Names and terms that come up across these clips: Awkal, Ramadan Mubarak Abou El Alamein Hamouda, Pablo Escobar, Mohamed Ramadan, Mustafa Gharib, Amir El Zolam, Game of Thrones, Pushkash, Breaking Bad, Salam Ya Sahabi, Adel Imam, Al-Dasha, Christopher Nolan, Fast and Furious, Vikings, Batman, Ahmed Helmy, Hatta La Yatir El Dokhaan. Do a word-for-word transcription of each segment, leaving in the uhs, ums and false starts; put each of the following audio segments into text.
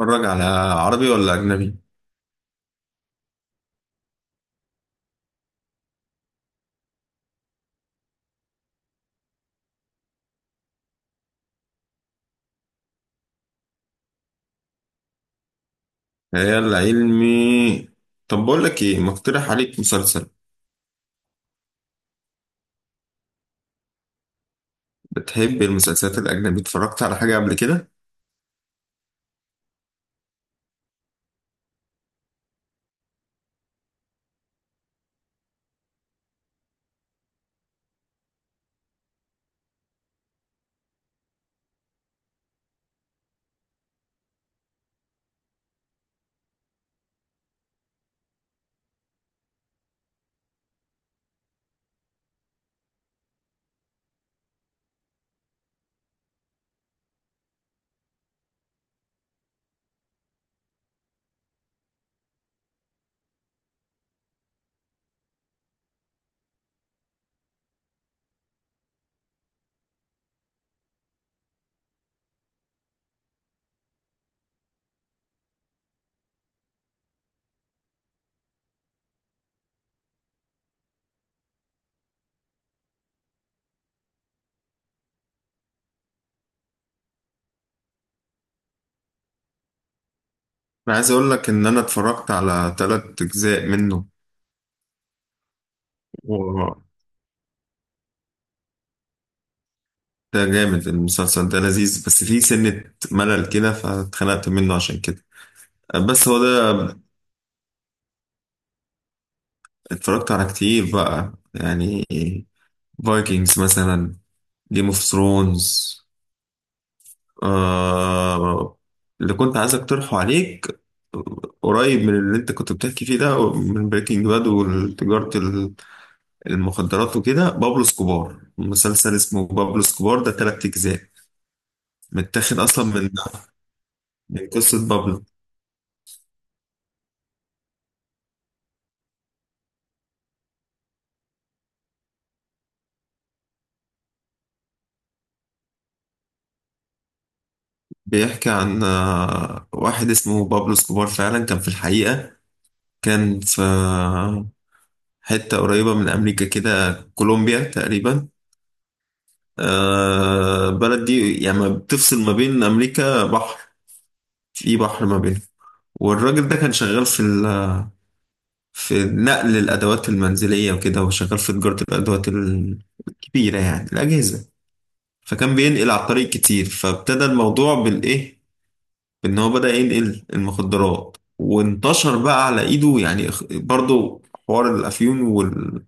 اتفرج على عربي ولا أجنبي؟ خيال علمي. طب بقول لك إيه؟ مقترح عليك مسلسل. بتحب المسلسلات الأجنبي؟ اتفرجت على حاجة قبل كده؟ أنا عايز أقول لك إن أنا اتفرجت على تلات أجزاء منه. و- ده جامد، المسلسل ده لذيذ، بس فيه سنة ملل كده فاتخنقت منه عشان كده. بس هو ده، اتفرجت على كتير بقى يعني، فايكنجز مثلا، جيم اوف ثرونز. آه، اللي كنت عايز اقترحه عليك قريب من اللي انت كنت بتحكي فيه ده، من بريكنج باد وتجارة ال- المخدرات وكده، بابلو سكوبار. مسلسل اسمه بابلو سكوبار، ده تلات أجزاء، متاخد أصلا من من قصة بابلو. بيحكي عن آه، واحد اسمه بابلو سكوبار، فعلا كان في الحقيقة، كان في حتة قريبة من أمريكا كده، كولومبيا تقريبا. آه، البلد دي يعني بتفصل ما بين أمريكا بحر، في بحر ما بينهم. والراجل ده كان شغال في ال... في نقل الأدوات المنزلية وكده، وشغال في تجارة الأدوات ال- الكبيرة، يعني الأجهزة. فكان بينقل على الطريق كتير. فابتدى الموضوع بالإيه؟ بإن هو بدأ ينقل المخدرات، وانتشر بقى على إيده، يعني اخ- برضو حوار الأفيون وال...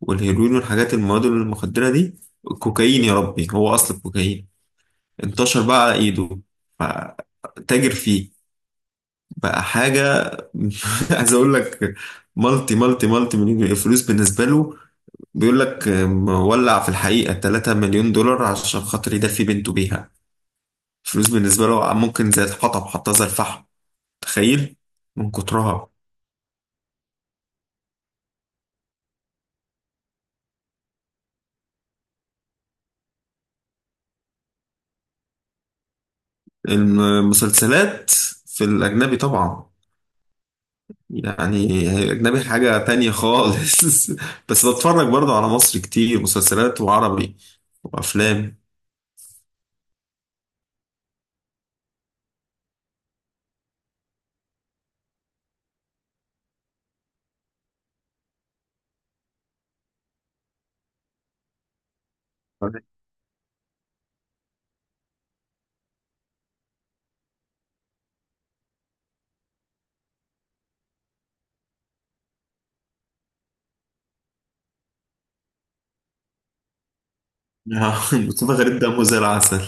والهيروين والحاجات المواد المخدرة دي، الكوكايين. يا ربي، هو أصل الكوكايين انتشر بقى على إيده، فتاجر فيه، بقى حاجة. عايز أقول لك مالتي مالتي مالتي مليون، فلوس بالنسبة له. بيقول لك مولع في الحقيقة ثلاثة مليون دولار عشان خاطر يدفي بنته بيها. فلوس بالنسبة له ممكن زي الحطب، حطها زي الفحم. تخيل من كترها. المسلسلات في الأجنبي طبعا، يعني الأجنبي حاجة تانية خالص. بس بتفرج برضه على مصر كتير، مسلسلات وعربي وأفلام. مصطفى غريب دمه زي العسل.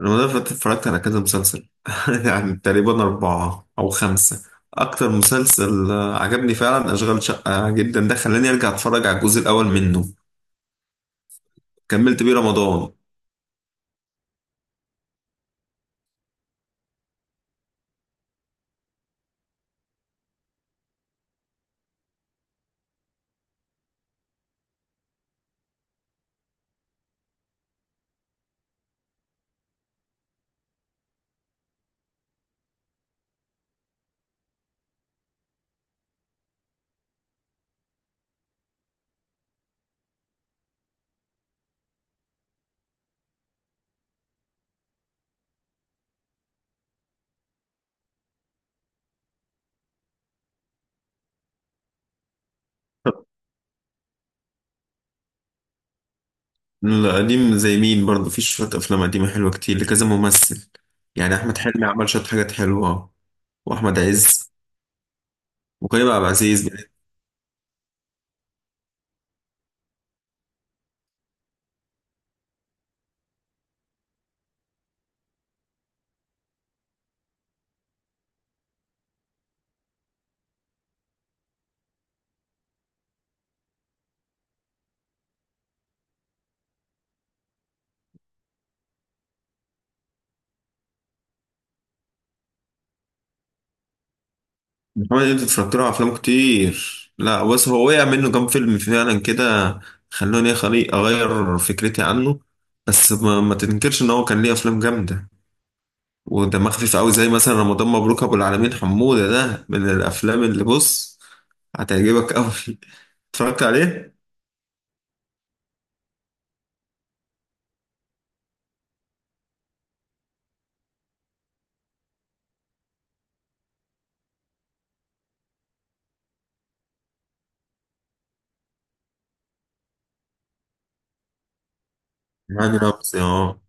رمضان اللي فات اتفرجت على كذا مسلسل، يعني تقريبا أربعة أو خمسة. أكتر مسلسل آه، عجبني فعلا أشغال شقة جدا، ده خلاني أرجع أتفرج على الجزء الأول منه، كملت بيه رمضان. القديم زي مين؟ برضه في شوية أفلام قديمة حلوة كتير لكذا ممثل. يعني أحمد حلمي عمل شوية حاجات حلوة، وأحمد عز، وكريم عبد العزيز. محمد، انت اتفرجت له على افلام كتير؟ لا، بس هو وقع منه كام فيلم فعلا كده، خلوني أخلي- اغير فكرتي عنه. بس ما, ما تنكرش ان هو كان ليه افلام جامده ودمها خفيف قوي، زي مثلا رمضان مبروك ابو العالمين حموده، ده من الافلام اللي بص، هتعجبك قوي. اتفرجت عليه؟ يعني نفسي اه.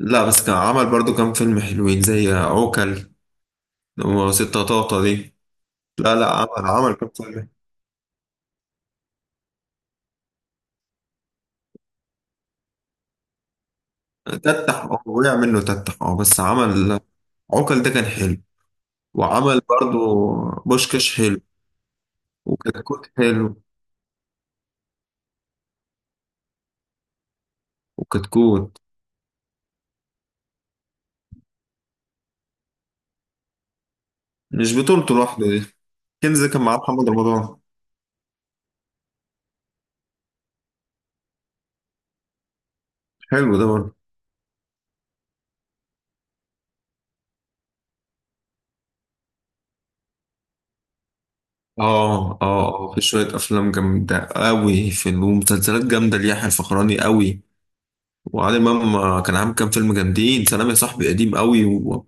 لا، بس كان عمل برضو كام فيلم حلوين، زي عوكل وستة طاطا دي. لا لا، عمل عمل كام فيلم، تتح اه، وقع منه تتح اه، بس عمل عوكل ده كان حلو، وعمل برضو بوشكاش حلو، وكتكوت حلو. وكتكوت مش بطولته لوحده دي. كنز كان معاه محمد رمضان. حلو ده برضه. اه، اه، اه، في شوية أفلام جامدة أوي، في ومسلسلات جامدة ليحيى الفخراني أوي. وعادل إمام آه، كان عامل كام فيلم جامدين، سلام يا صاحبي قديم أوي، و...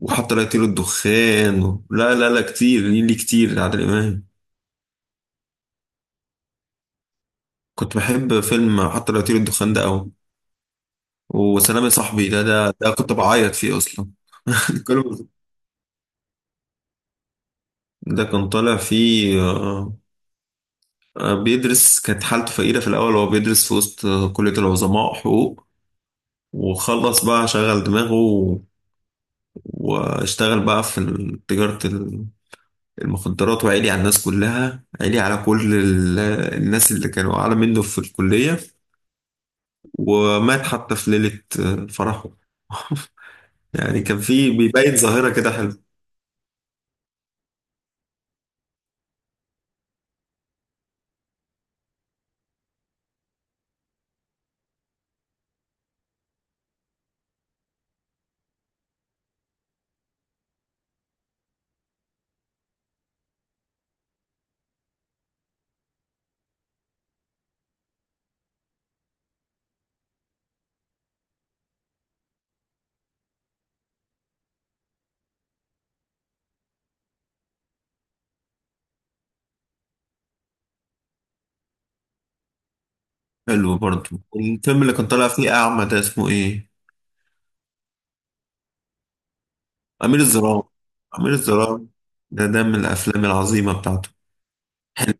وحتى لا يطير الدخان، و... لا لا لا، كتير ليه، ليه كتير عادل إمام. كنت بحب فيلم حتى لا يطير الدخان ده أوي، وسلام يا صاحبي ده، ده ده كنت بعيط فيه أصلا. الفيلم ده كان طالع فيه آه، آه، بيدرس، كانت حالته فقيرة في الأول، هو بيدرس في وسط آه، كلية العظماء، حقوق، وخلص بقى شغل دماغه و- واشتغل بقى في ال- تجارة ال- المخدرات، وعلي على الناس كلها، علي على كل ال- الناس اللي كانوا أعلى منه في الكلية، ومات حتى في ليلة آه، فرحه. يعني كان فيه بيبين ظاهرة كده حلو. حلو برضه الفيلم اللي كان طالع فيه أعمى، ده اسمه إيه؟ أمير الظلام. أمير الظلام ده، ده من الأفلام العظيمة بتاعته. حلو،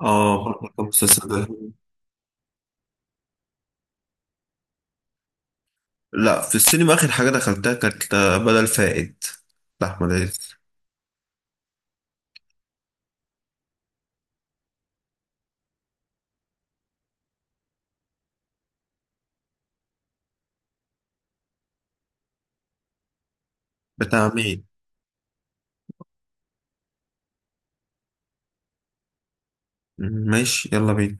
آه برضه كان مسلسل ده. لا، في السينما آخر حاجة دخلتها كانت آه، بدل فائد لأحمد عز. بتاع مين؟ ماشي، يلا بينا.